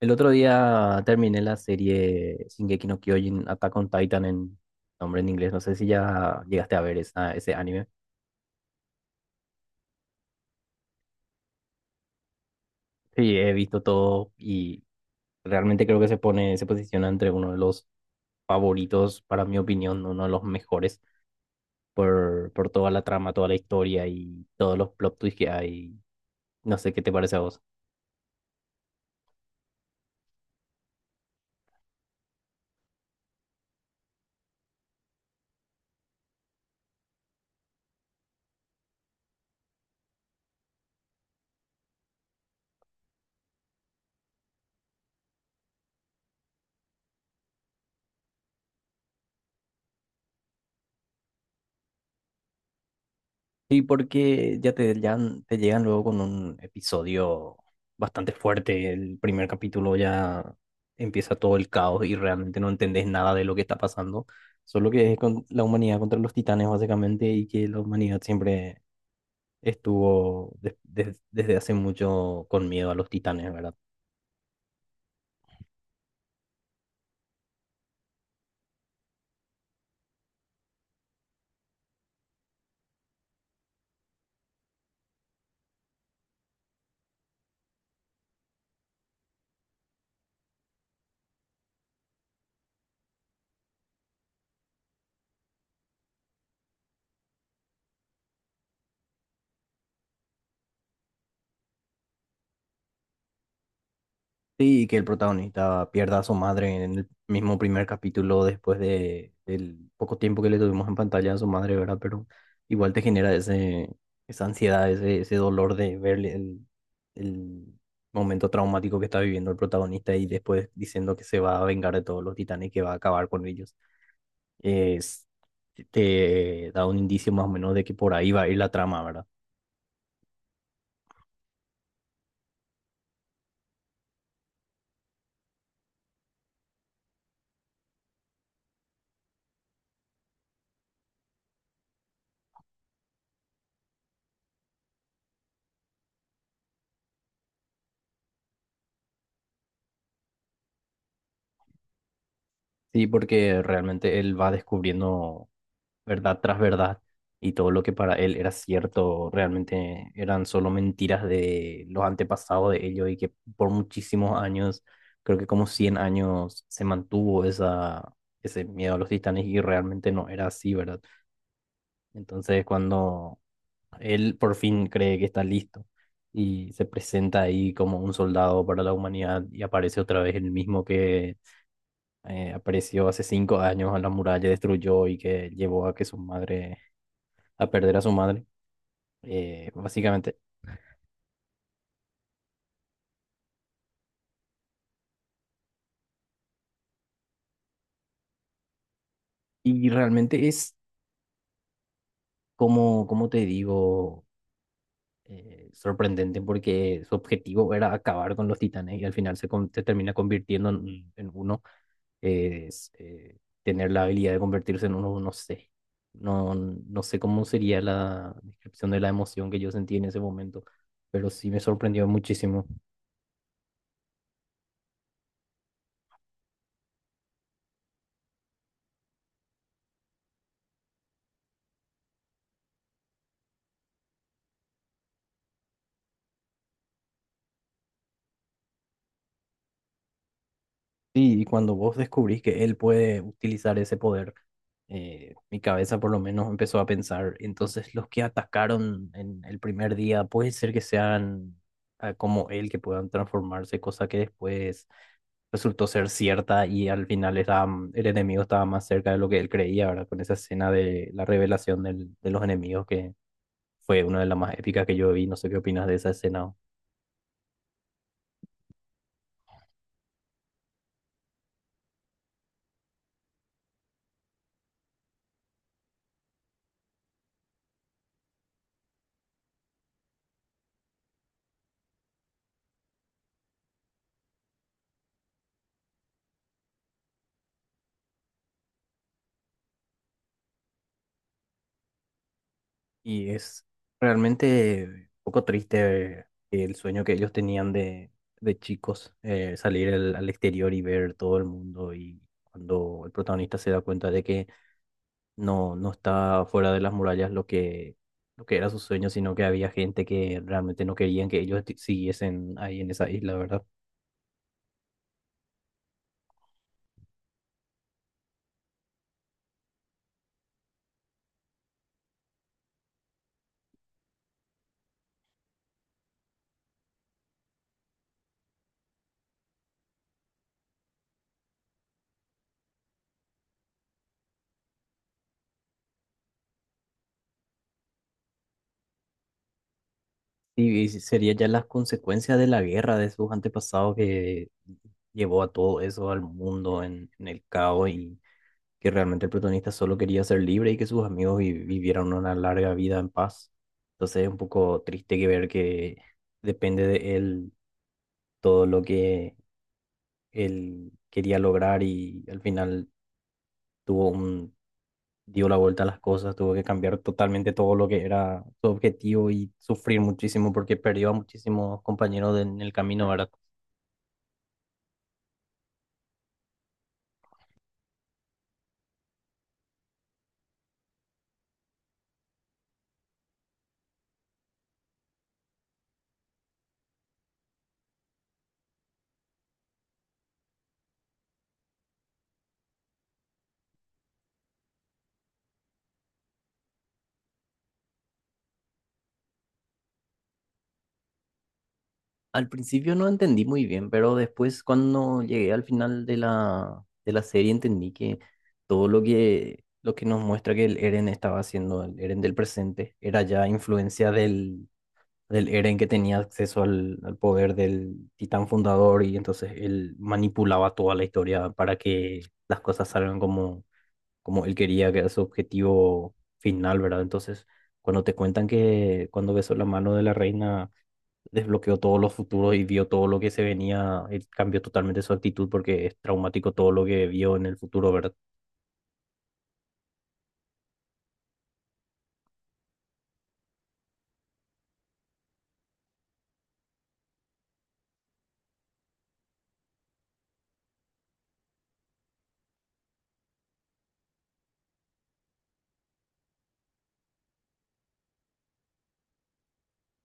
El otro día terminé la serie Shingeki no Kyojin, Attack on Titan en nombre en inglés. No sé si ya llegaste a ver esa, ese anime. Sí, he visto todo y realmente creo que se pone, se posiciona entre uno de los favoritos, para mi opinión, uno de los mejores por toda la trama, toda la historia y todos los plot twists que hay. No sé qué te parece a vos. Sí, porque ya te, te llegan luego con un episodio bastante fuerte. El primer capítulo ya empieza todo el caos y realmente no entendés nada de lo que está pasando. Solo que es con la humanidad contra los titanes, básicamente, y que la humanidad siempre estuvo desde hace mucho con miedo a los titanes, ¿verdad? Sí, y que el protagonista pierda a su madre en el mismo primer capítulo después de, del poco tiempo que le tuvimos en pantalla a su madre, ¿verdad? Pero igual te genera esa ansiedad, ese dolor de verle el momento traumático que está viviendo el protagonista y después diciendo que se va a vengar de todos los titanes que va a acabar con ellos. Es, te da un indicio más o menos de que por ahí va a ir la trama, ¿verdad? Sí, porque realmente él va descubriendo, verdad tras verdad, y todo lo que para él era cierto realmente eran solo mentiras de los antepasados de ellos y que por muchísimos años, creo que como 100 años, se mantuvo esa, ese miedo a los titanes y realmente no era así, ¿verdad? Entonces, cuando él por fin cree que está listo y se presenta ahí como un soldado para la humanidad, y aparece otra vez el mismo que apareció hace cinco años a la muralla, destruyó y que llevó a que su madre a perder a su madre, básicamente. Y realmente es como, como te digo, sorprendente porque su objetivo era acabar con los titanes y al final se, se termina convirtiendo en uno. Tener la habilidad de convertirse en uno, no sé. No, sé cómo sería la descripción de la emoción que yo sentí en ese momento, pero sí me sorprendió muchísimo. Sí, y cuando vos descubrís que él puede utilizar ese poder, mi cabeza por lo menos empezó a pensar, entonces los que atacaron en el primer día puede ser que sean, ah, como él, que puedan transformarse, cosa que después resultó ser cierta y al final el enemigo estaba más cerca de lo que él creía, ¿verdad? Con esa escena de la revelación de los enemigos, que fue una de las más épicas que yo vi. No sé qué opinas de esa escena. Y es realmente un poco triste que el sueño que ellos tenían de chicos, salir al, al exterior y ver todo el mundo. Y cuando el protagonista se da cuenta de que no, no está fuera de las murallas lo que era su sueño, sino que había gente que realmente no querían que ellos siguiesen ahí en esa isla, ¿verdad? Y sería ya las consecuencias de la guerra de sus antepasados, que llevó a todo eso al mundo en el caos, y que realmente el protagonista solo quería ser libre y que sus amigos vivieran una larga vida en paz. Entonces es un poco triste que ver que depende de él todo lo que él quería lograr, y al final tuvo un, dio la vuelta a las cosas, tuvo que cambiar totalmente todo lo que era su objetivo y sufrir muchísimo porque perdió a muchísimos compañeros en el camino, ¿verdad? Al principio no entendí muy bien, pero después, cuando llegué al final de la serie, entendí que todo lo que nos muestra que el Eren estaba haciendo, el Eren del presente, era ya influencia del, del Eren que tenía acceso al, al poder del Titán Fundador, y entonces él manipulaba toda la historia para que las cosas salgan como, como él quería, que era su objetivo final, ¿verdad? Entonces, cuando te cuentan que cuando besó la mano de la reina desbloqueó todos los futuros y vio todo lo que se venía, él cambió totalmente su actitud, porque es traumático todo lo que vio en el futuro, ¿verdad?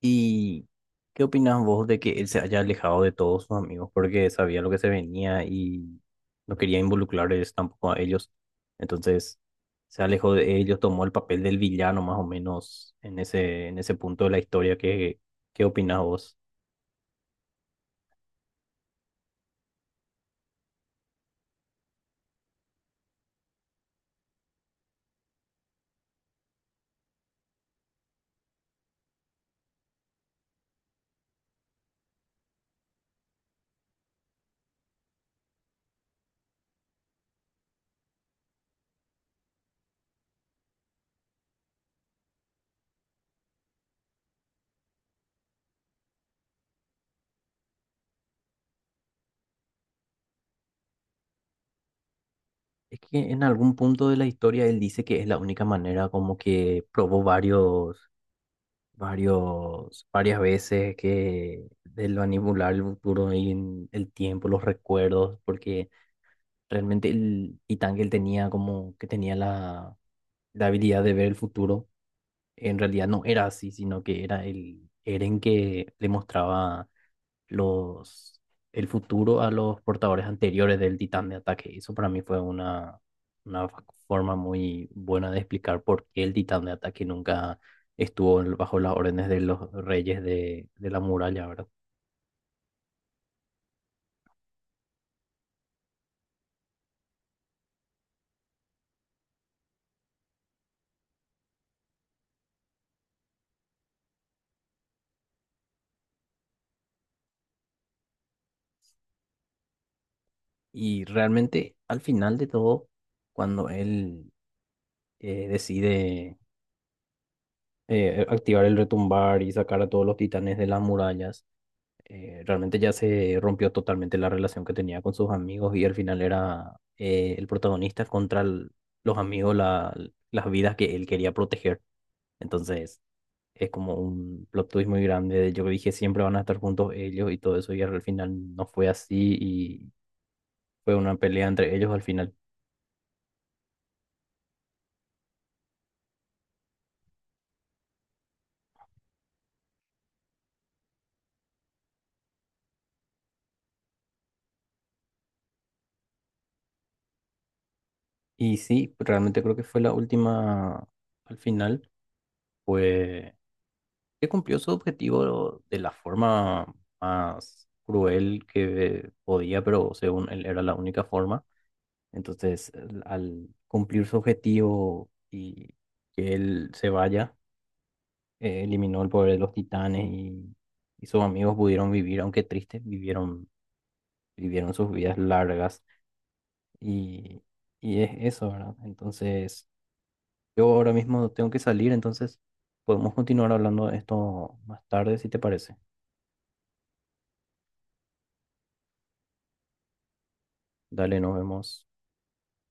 ¿Y qué opinas vos de que él se haya alejado de todos sus amigos porque sabía lo que se venía y no quería involucrarles tampoco a ellos? Entonces se alejó de ellos, tomó el papel del villano más o menos en ese punto de la historia. ¿Qué, qué opinas vos? Es que en algún punto de la historia él dice que es la única manera, como que probó varios varias veces que de lo manipular el futuro y en el tiempo, los recuerdos, porque realmente el titán que él tenía, como que tenía la, la habilidad de ver el futuro, en realidad no era así, sino que era el Eren que le mostraba los, el futuro a los portadores anteriores del titán de ataque. Y eso para mí fue una forma muy buena de explicar por qué el titán de ataque nunca estuvo bajo las órdenes de los reyes de la muralla, ¿verdad? Y realmente al final de todo, cuando él decide activar el retumbar y sacar a todos los titanes de las murallas, realmente ya se rompió totalmente la relación que tenía con sus amigos, y al final era, el protagonista contra los amigos, las vidas que él quería proteger. Entonces es como un plot twist muy grande. De Yo dije siempre van a estar juntos ellos y todo eso, y al final no fue así y fue una pelea entre ellos al final. Y sí, realmente creo que fue la última al final. Fue que cumplió su objetivo de la forma más cruel que podía, pero según él era la única forma. Entonces, al cumplir su objetivo y que él se vaya, eliminó el poder de los titanes, y sus amigos pudieron vivir, aunque tristes, vivieron, vivieron sus vidas largas y, y es eso, ¿verdad? Entonces, yo ahora mismo tengo que salir, entonces podemos continuar hablando de esto más tarde, si te parece. Dale, nos vemos.